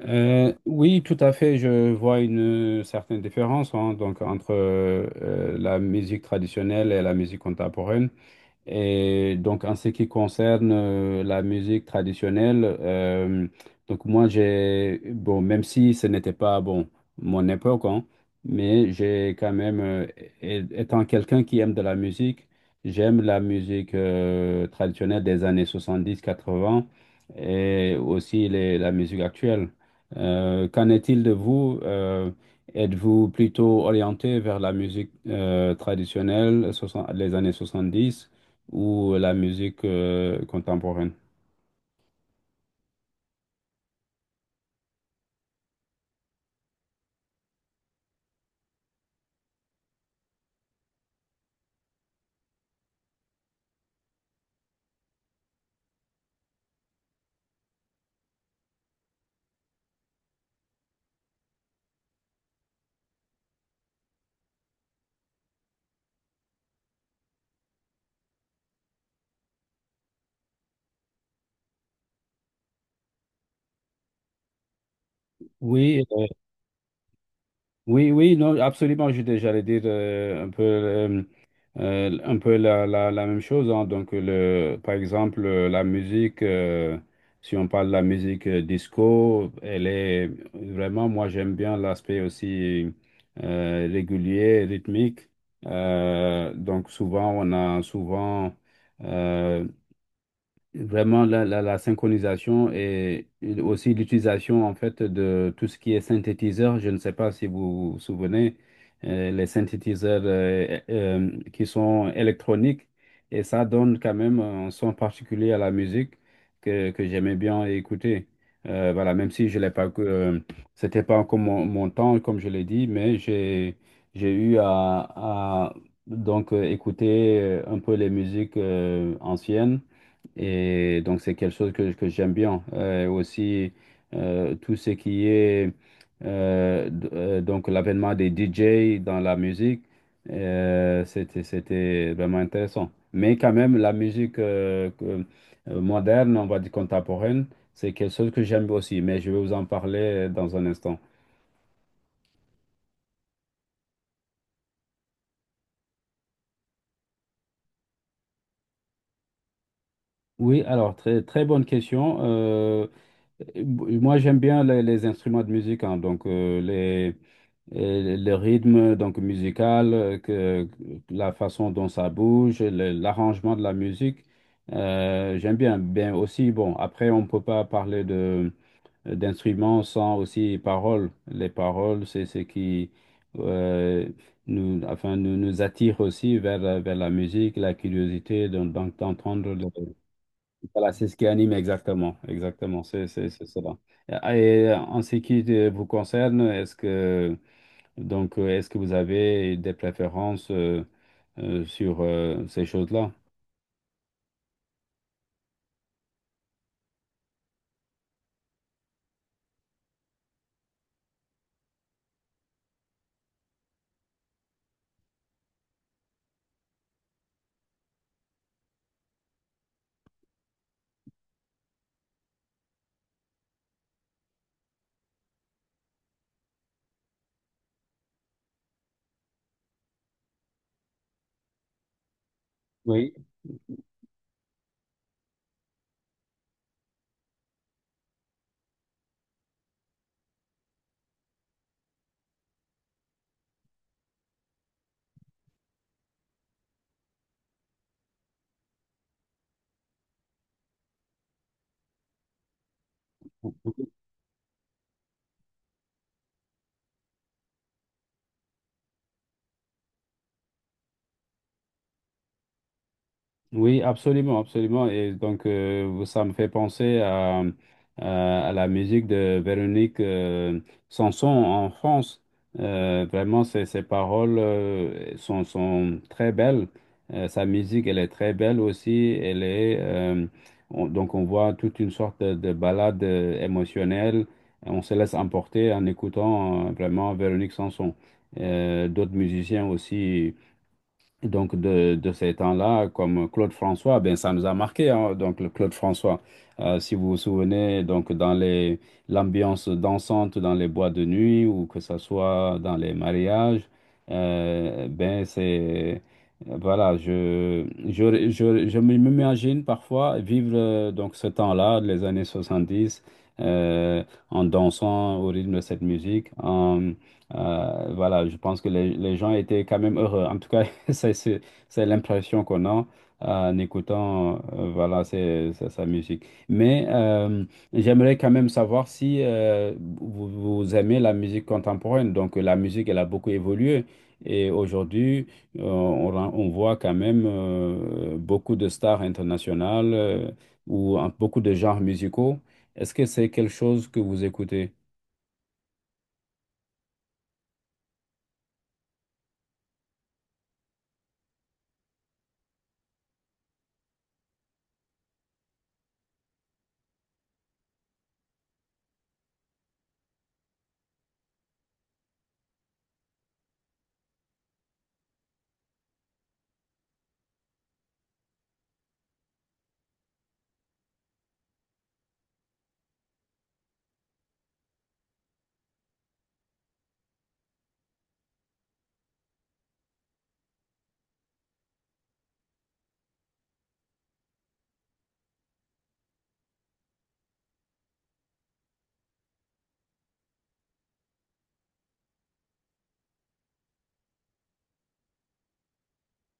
Oui, tout à fait. Je vois une certaine différence hein, donc, entre la musique traditionnelle et la musique contemporaine. Et donc, en ce qui concerne la musique traditionnelle, donc moi, j'ai, bon, même si ce n'était pas, bon, mon époque, hein, mais j'ai quand même, étant quelqu'un qui aime de la musique, j'aime la musique traditionnelle des années 70-80 et aussi la musique actuelle. Qu'en est-il de vous? Êtes-vous plutôt orienté vers la musique traditionnelle, les années 70? Ou la musique contemporaine? Oui, oui, oui, non, absolument. J'allais dire un peu la même chose, hein. Donc, le, par exemple, la musique, si on parle de la musique disco, elle est vraiment, moi, j'aime bien l'aspect aussi régulier, rythmique. Donc, souvent, on a souvent euh, vraiment, la synchronisation et aussi l'utilisation en fait de tout ce qui est synthétiseur. Je ne sais pas si vous vous souvenez, les synthétiseurs qui sont électroniques et ça donne quand même un son particulier à la musique que j'aimais bien écouter. Voilà, même si je l'ai pas, c'était pas encore mon temps comme je l'ai dit, mais j'ai eu à donc écouter un peu les musiques anciennes. Et donc, c'est quelque chose que j'aime bien. Aussi, tout ce qui est donc l'avènement des DJ dans la musique, c'était vraiment intéressant. Mais quand même, la musique moderne, on va dire contemporaine, c'est quelque chose que j'aime aussi. Mais je vais vous en parler dans un instant. Oui, alors, très, très bonne question. Moi, j'aime bien les instruments de musique, hein, donc les. Le rythme donc musical, la façon dont ça bouge, l'arrangement de la musique. J'aime bien. Bien aussi, bon, après, on ne peut pas parler de d'instruments sans aussi paroles. Les paroles, c'est ce qui euh, nous, enfin, nous attire aussi vers, vers la musique, la curiosité d'entendre. Voilà, c'est ce qui anime exactement. Exactement, c'est cela. Et en ce qui vous concerne, est-ce que donc, est-ce que vous avez des préférences sur ces choses-là? Oui, oui, absolument, absolument. Et donc, ça me fait penser à la musique de Véronique Sanson en France. Vraiment, ses paroles sont très belles. Sa musique, elle est très belle aussi. Elle est, donc, on voit toute une sorte de balade émotionnelle. On se laisse emporter en écoutant vraiment Véronique Sanson. D'autres musiciens aussi. Donc, de ces temps-là, comme Claude François, ben, ça nous a marqué, hein. Donc, le Claude François, si vous vous souvenez, donc, dans les, l'ambiance dansante dans les boîtes de nuit ou que ce soit dans les mariages, ben, c'est, voilà, je m'imagine parfois vivre donc ce temps-là, les années 70, euh, en dansant au rythme de cette musique, en, voilà, je pense que les gens étaient quand même heureux. En tout cas, c'est c'est- c'est l'impression qu'on a en écoutant voilà, c'est sa musique. Mais j'aimerais quand même savoir si vous, vous aimez la musique contemporaine. Donc la musique, elle a beaucoup évolué. Et aujourd'hui, on, on voit quand même beaucoup de stars internationales beaucoup de genres musicaux. Est-ce que c'est quelque chose que vous écoutez?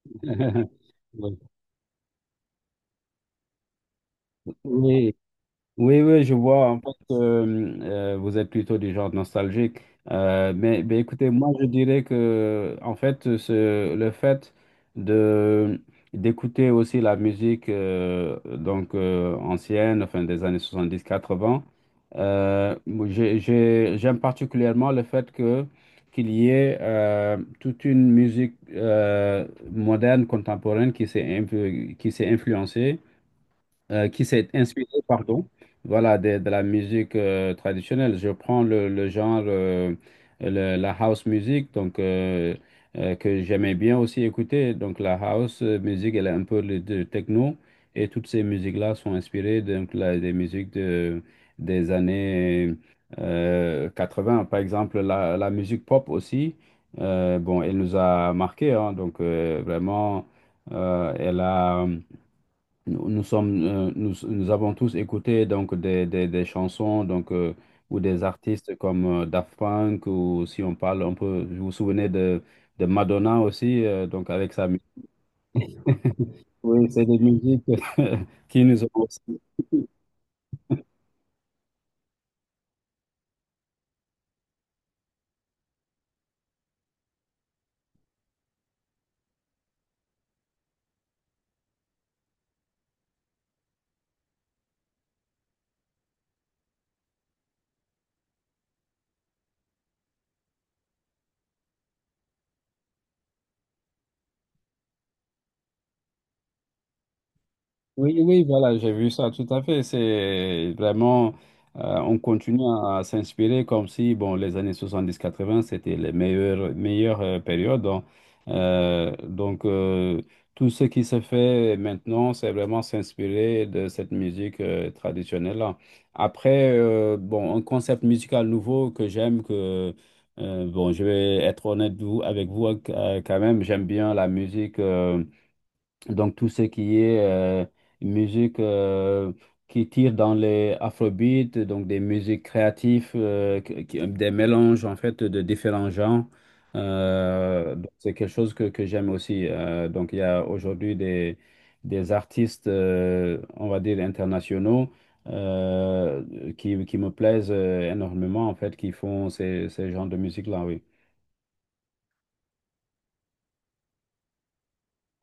Oui. Oui, oui, je vois. En fait, vous êtes plutôt du genre nostalgique. Mais écoutez, moi, je dirais que, en fait, le fait de d'écouter aussi la musique ancienne, enfin des années 70-80, moi, j'aime particulièrement le fait que qu'il y ait toute une musique moderne, contemporaine qui s'est influencée qui s'est inspiré, pardon, voilà, de la musique traditionnelle. Je prends le genre, la house music, donc que j'aimais bien aussi écouter. Donc la house music, elle est un peu de techno, et toutes ces musiques-là sont inspirées donc des musiques de, des années 80. Par exemple, la musique pop aussi, bon, elle nous a marqué, hein. Donc vraiment, elle a nous, nous avons tous écouté donc des chansons donc ou des artistes comme Daft Punk ou si on parle, on peut, vous vous souvenez de Madonna aussi donc avec sa musique. Oui, c'est des musiques qui nous ont aussi. Oui, oui, voilà, j'ai vu ça tout à fait. C'est vraiment, on continue à s'inspirer comme si, bon, les années soixante-dix quatre-vingts c'était les meilleures, meilleures périodes. Donc, euh, donc, euh, tout ce qui se fait maintenant, c'est vraiment s'inspirer de cette musique traditionnelle-là. Après, bon, un concept musical nouveau que j'aime, bon, je vais être honnête avec vous quand même, j'aime bien la musique. Donc, tout ce qui est musique qui tire dans les afrobeats, donc des musiques créatives, des mélanges en fait de différents genres, donc c'est quelque chose que j'aime aussi. Donc, il y a aujourd'hui des artistes, on va dire, internationaux qui me plaisent énormément en fait, qui font ces genres de musique-là, oui.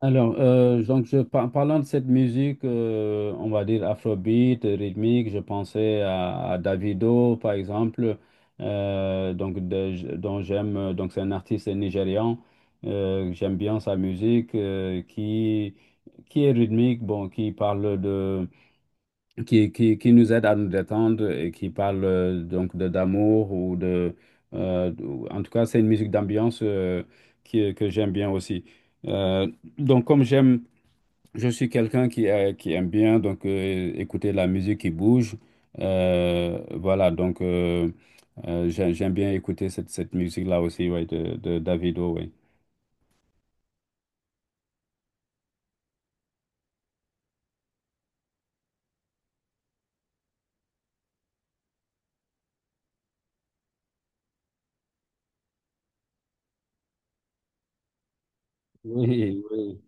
Alors, donc je, parlant de cette musique, on va dire afrobeat, rythmique, je pensais à Davido, par exemple, donc dont j'aime, donc c'est un artiste nigérian, j'aime bien sa musique, qui est rythmique, bon, qui parle de, qui nous aide à nous détendre et qui parle donc de d'amour ou de, en tout cas, c'est une musique d'ambiance que j'aime bien aussi. Euh, donc, comme j'aime je suis quelqu'un qui aime bien donc écouter la musique qui bouge. Voilà, donc j'aime bien écouter cette, cette musique-là aussi, ouais, de Davido, ouais. Oui, oui.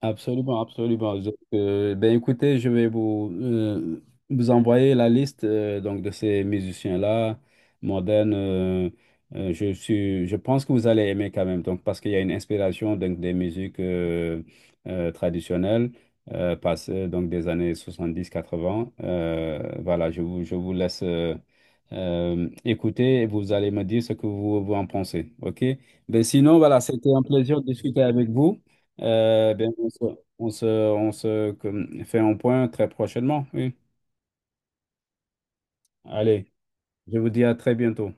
Absolument, absolument. Donc, ben écoutez, je vais vous, vous envoyer la liste donc de ces musiciens-là, modernes. Je suis, je pense que vous allez aimer quand même, donc parce qu'il y a une inspiration donc, des musiques traditionnelles passées donc des années 70-80. Voilà, je vous laisse écouter et vous allez me dire ce que vous, vous en pensez. OK? Ben sinon, voilà, c'était un plaisir de discuter avec vous. Bien, on se comme, fait un point très prochainement. Oui. Allez, je vous dis à très bientôt.